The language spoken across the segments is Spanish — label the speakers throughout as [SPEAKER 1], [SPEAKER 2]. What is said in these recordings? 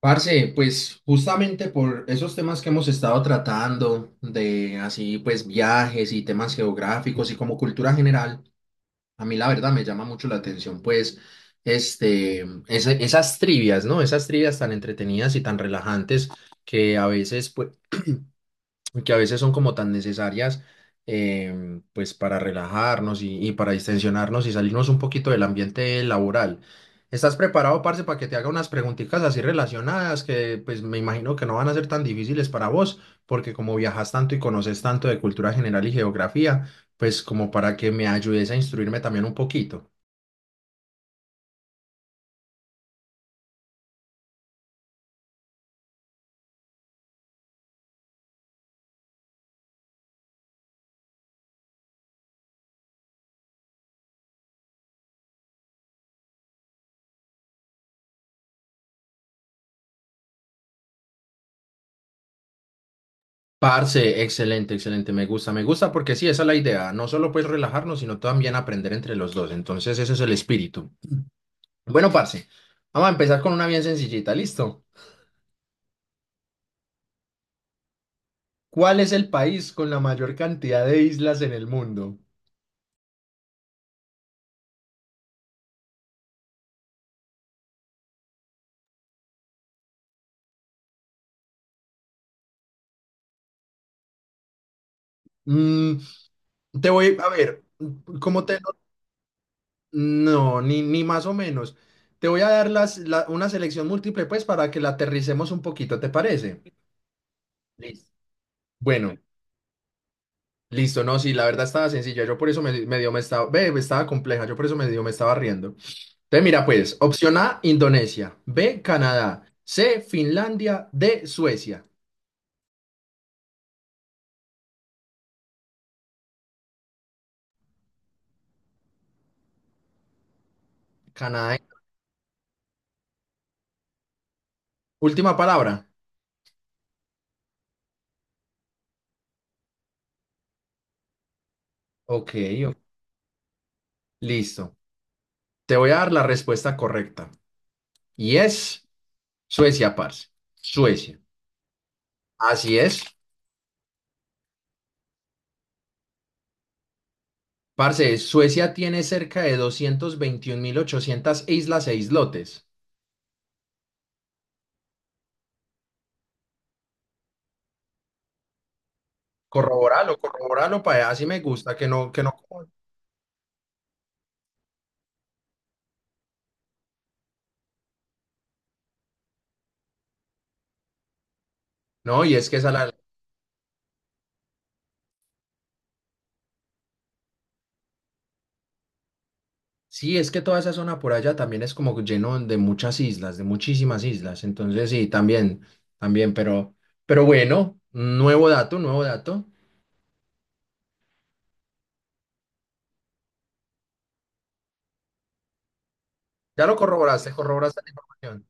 [SPEAKER 1] Parce, pues justamente por esos temas que hemos estado tratando, de así pues viajes y temas geográficos y como cultura general, a mí la verdad me llama mucho la atención esas trivias, ¿no? Esas trivias tan entretenidas y tan relajantes que a veces pues, que a veces son como tan necesarias pues para relajarnos y para distensionarnos y salirnos un poquito del ambiente laboral. ¿Estás preparado, parce, para que te haga unas preguntitas así relacionadas que pues me imagino que no van a ser tan difíciles para vos, porque como viajas tanto y conoces tanto de cultura general y geografía, pues como para que me ayudes a instruirme también un poquito? Parce, excelente, excelente, me gusta porque sí, esa es la idea, no solo pues relajarnos, sino también aprender entre los dos, entonces ese es el espíritu. Bueno, parce, vamos a empezar con una bien sencillita, ¿listo? ¿Cuál es el país con la mayor cantidad de islas en el mundo? Mm, te voy a ver, ¿cómo te...? No, ni más o menos. Te voy a dar una selección múltiple, pues, para que la aterricemos un poquito, ¿te parece? Listo. Bueno, listo, no, sí, la verdad estaba sencilla, yo por eso me, me dio, me estaba, ve, estaba compleja, yo por eso me dio, me estaba riendo. Entonces, mira, pues, opción A, Indonesia, B, Canadá, C, Finlandia, D, Suecia. Canadá. Última palabra. Ok, o- listo. Te voy a dar la respuesta correcta. Y es Suecia, parce. Suecia. Así es. Parce, Suecia tiene cerca de 221.800 islas e islotes. Corroboralo, corroboralo, para así me gusta que no, que no. No, y es que esa la... Sí, es que toda esa zona por allá también es como lleno de muchas islas, de muchísimas islas. Entonces, sí, también, también, pero, pero bueno, nuevo dato, nuevo dato. Ya lo corroboraste, corroboraste la información.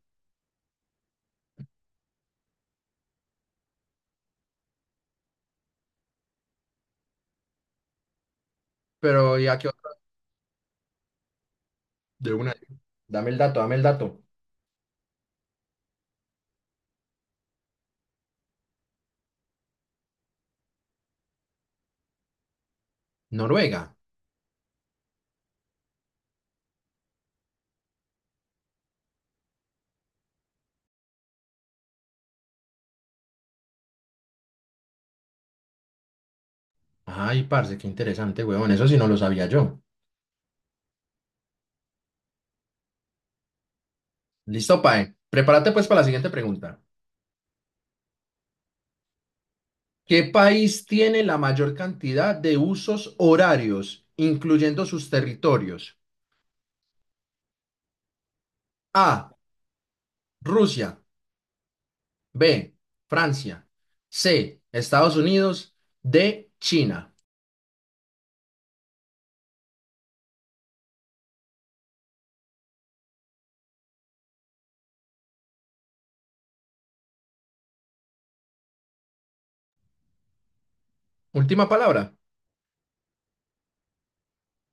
[SPEAKER 1] Pero ya que... De una. Dame el dato, dame el dato. Noruega. Ay, parce, qué interesante, weón. Eso sí no lo sabía yo. Listo, Pae. Prepárate pues para la siguiente pregunta. ¿Qué país tiene la mayor cantidad de usos horarios, incluyendo sus territorios? A. Rusia. B. Francia. C. Estados Unidos. D. China. Última palabra.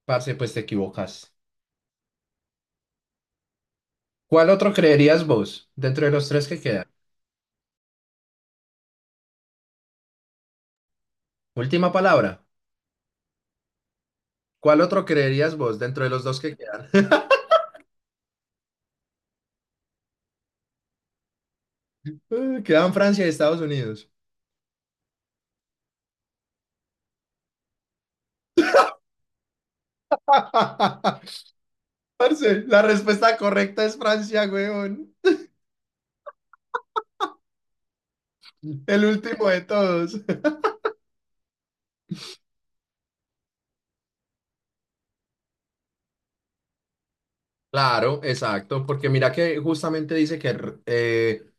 [SPEAKER 1] Parce, pues te equivocas. ¿Cuál otro creerías vos dentro de los tres que quedan? Última palabra. ¿Cuál otro creerías vos dentro de los dos que quedan? Quedan Francia y Estados Unidos. Parce, la respuesta correcta es Francia, weón. El último de todos. Claro, exacto, porque mira que justamente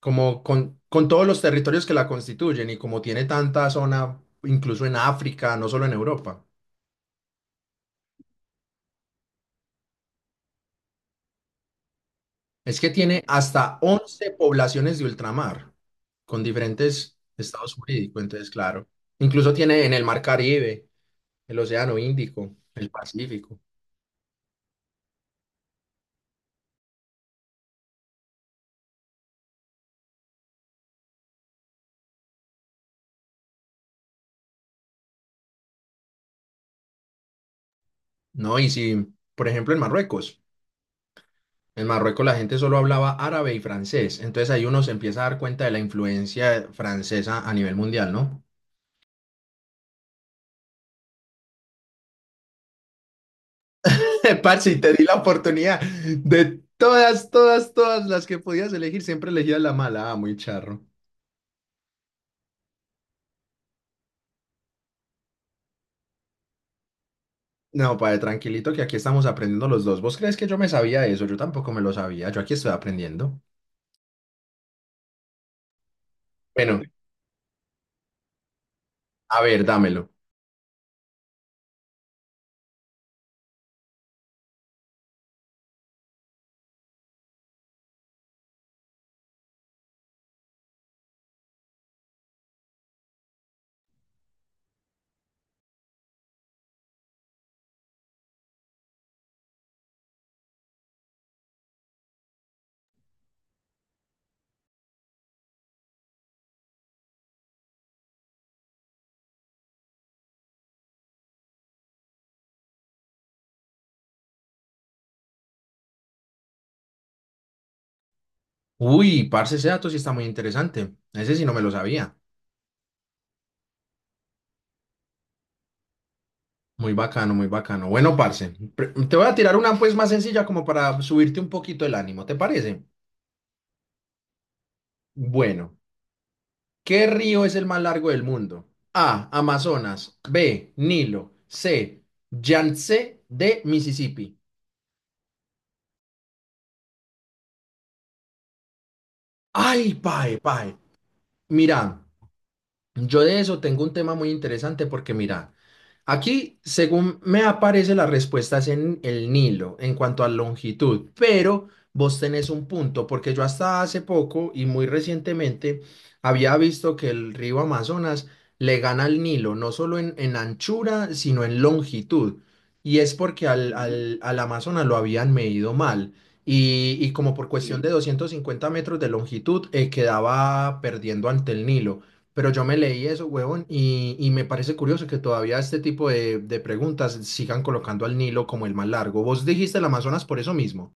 [SPEAKER 1] como con todos los territorios que la constituyen y como tiene tanta zona, incluso en África, no solo en Europa. Es que tiene hasta 11 poblaciones de ultramar con diferentes estados jurídicos, entonces claro. Incluso tiene en el Mar Caribe, el Océano Índico, el Pacífico, ¿no? Y si, por ejemplo, en Marruecos la gente solo hablaba árabe y francés, entonces ahí uno se empieza a dar cuenta de la influencia francesa a nivel mundial, ¿no? Parce, y te di la oportunidad de todas, todas, todas las que podías elegir, siempre elegías la mala, ah, muy charro. No, padre, tranquilito que aquí estamos aprendiendo los dos. ¿Vos crees que yo me sabía eso? Yo tampoco me lo sabía. Yo aquí estoy aprendiendo. Bueno, a ver, dámelo. Uy, parce, ese dato sí está muy interesante. Ese sí no me lo sabía. Muy bacano, muy bacano. Bueno, parce, te voy a tirar una pues más sencilla como para subirte un poquito el ánimo, ¿te parece? Bueno, ¿qué río es el más largo del mundo? A, Amazonas. B, Nilo. C, Yangtze. D, Mississippi. Ay, pae, pae. Mira. Yo de eso tengo un tema muy interesante porque mira, aquí según me aparece las respuestas en el Nilo en cuanto a longitud, pero vos tenés un punto porque yo hasta hace poco y muy recientemente había visto que el río Amazonas le gana al Nilo, no solo en anchura, sino en longitud. Y es porque al Amazonas lo habían medido mal. Y como por cuestión de 250 metros de longitud, quedaba perdiendo ante el Nilo. Pero yo me leí eso, huevón, y me parece curioso que todavía este tipo de preguntas sigan colocando al Nilo como el más largo. Vos dijiste el Amazonas por eso mismo,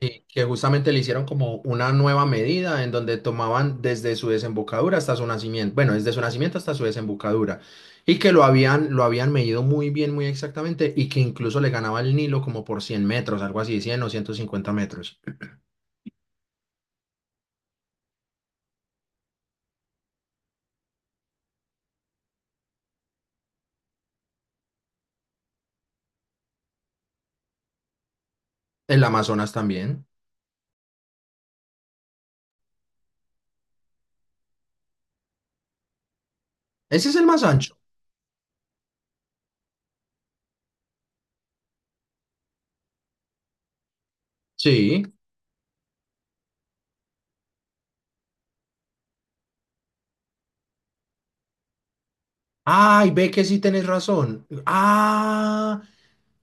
[SPEAKER 1] Sí. Que justamente le hicieron como una nueva medida en donde tomaban desde su desembocadura hasta su nacimiento, bueno, desde su nacimiento hasta su desembocadura, y que lo habían medido muy bien, muy exactamente, y que incluso le ganaba al Nilo como por 100 metros, algo así, 100 o 150 metros. El Amazonas también. Ese es el más ancho. Sí. Ay, ve que sí tenés razón. Ah,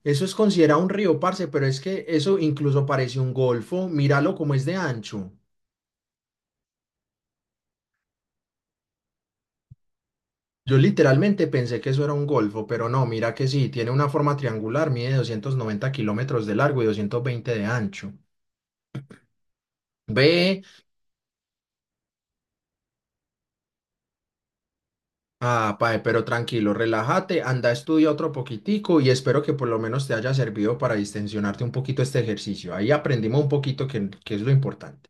[SPEAKER 1] eso es considerado un río, parce, pero es que eso incluso parece un golfo. Míralo como es de ancho. Yo literalmente pensé que eso era un golfo, pero no, mira que sí, tiene una forma triangular, mide 290 kilómetros de largo y 220 de ancho. Ve, ah, pae, pero tranquilo, relájate, anda, estudia otro poquitico y espero que por lo menos te haya servido para distensionarte un poquito este ejercicio. Ahí aprendimos un poquito que es lo importante.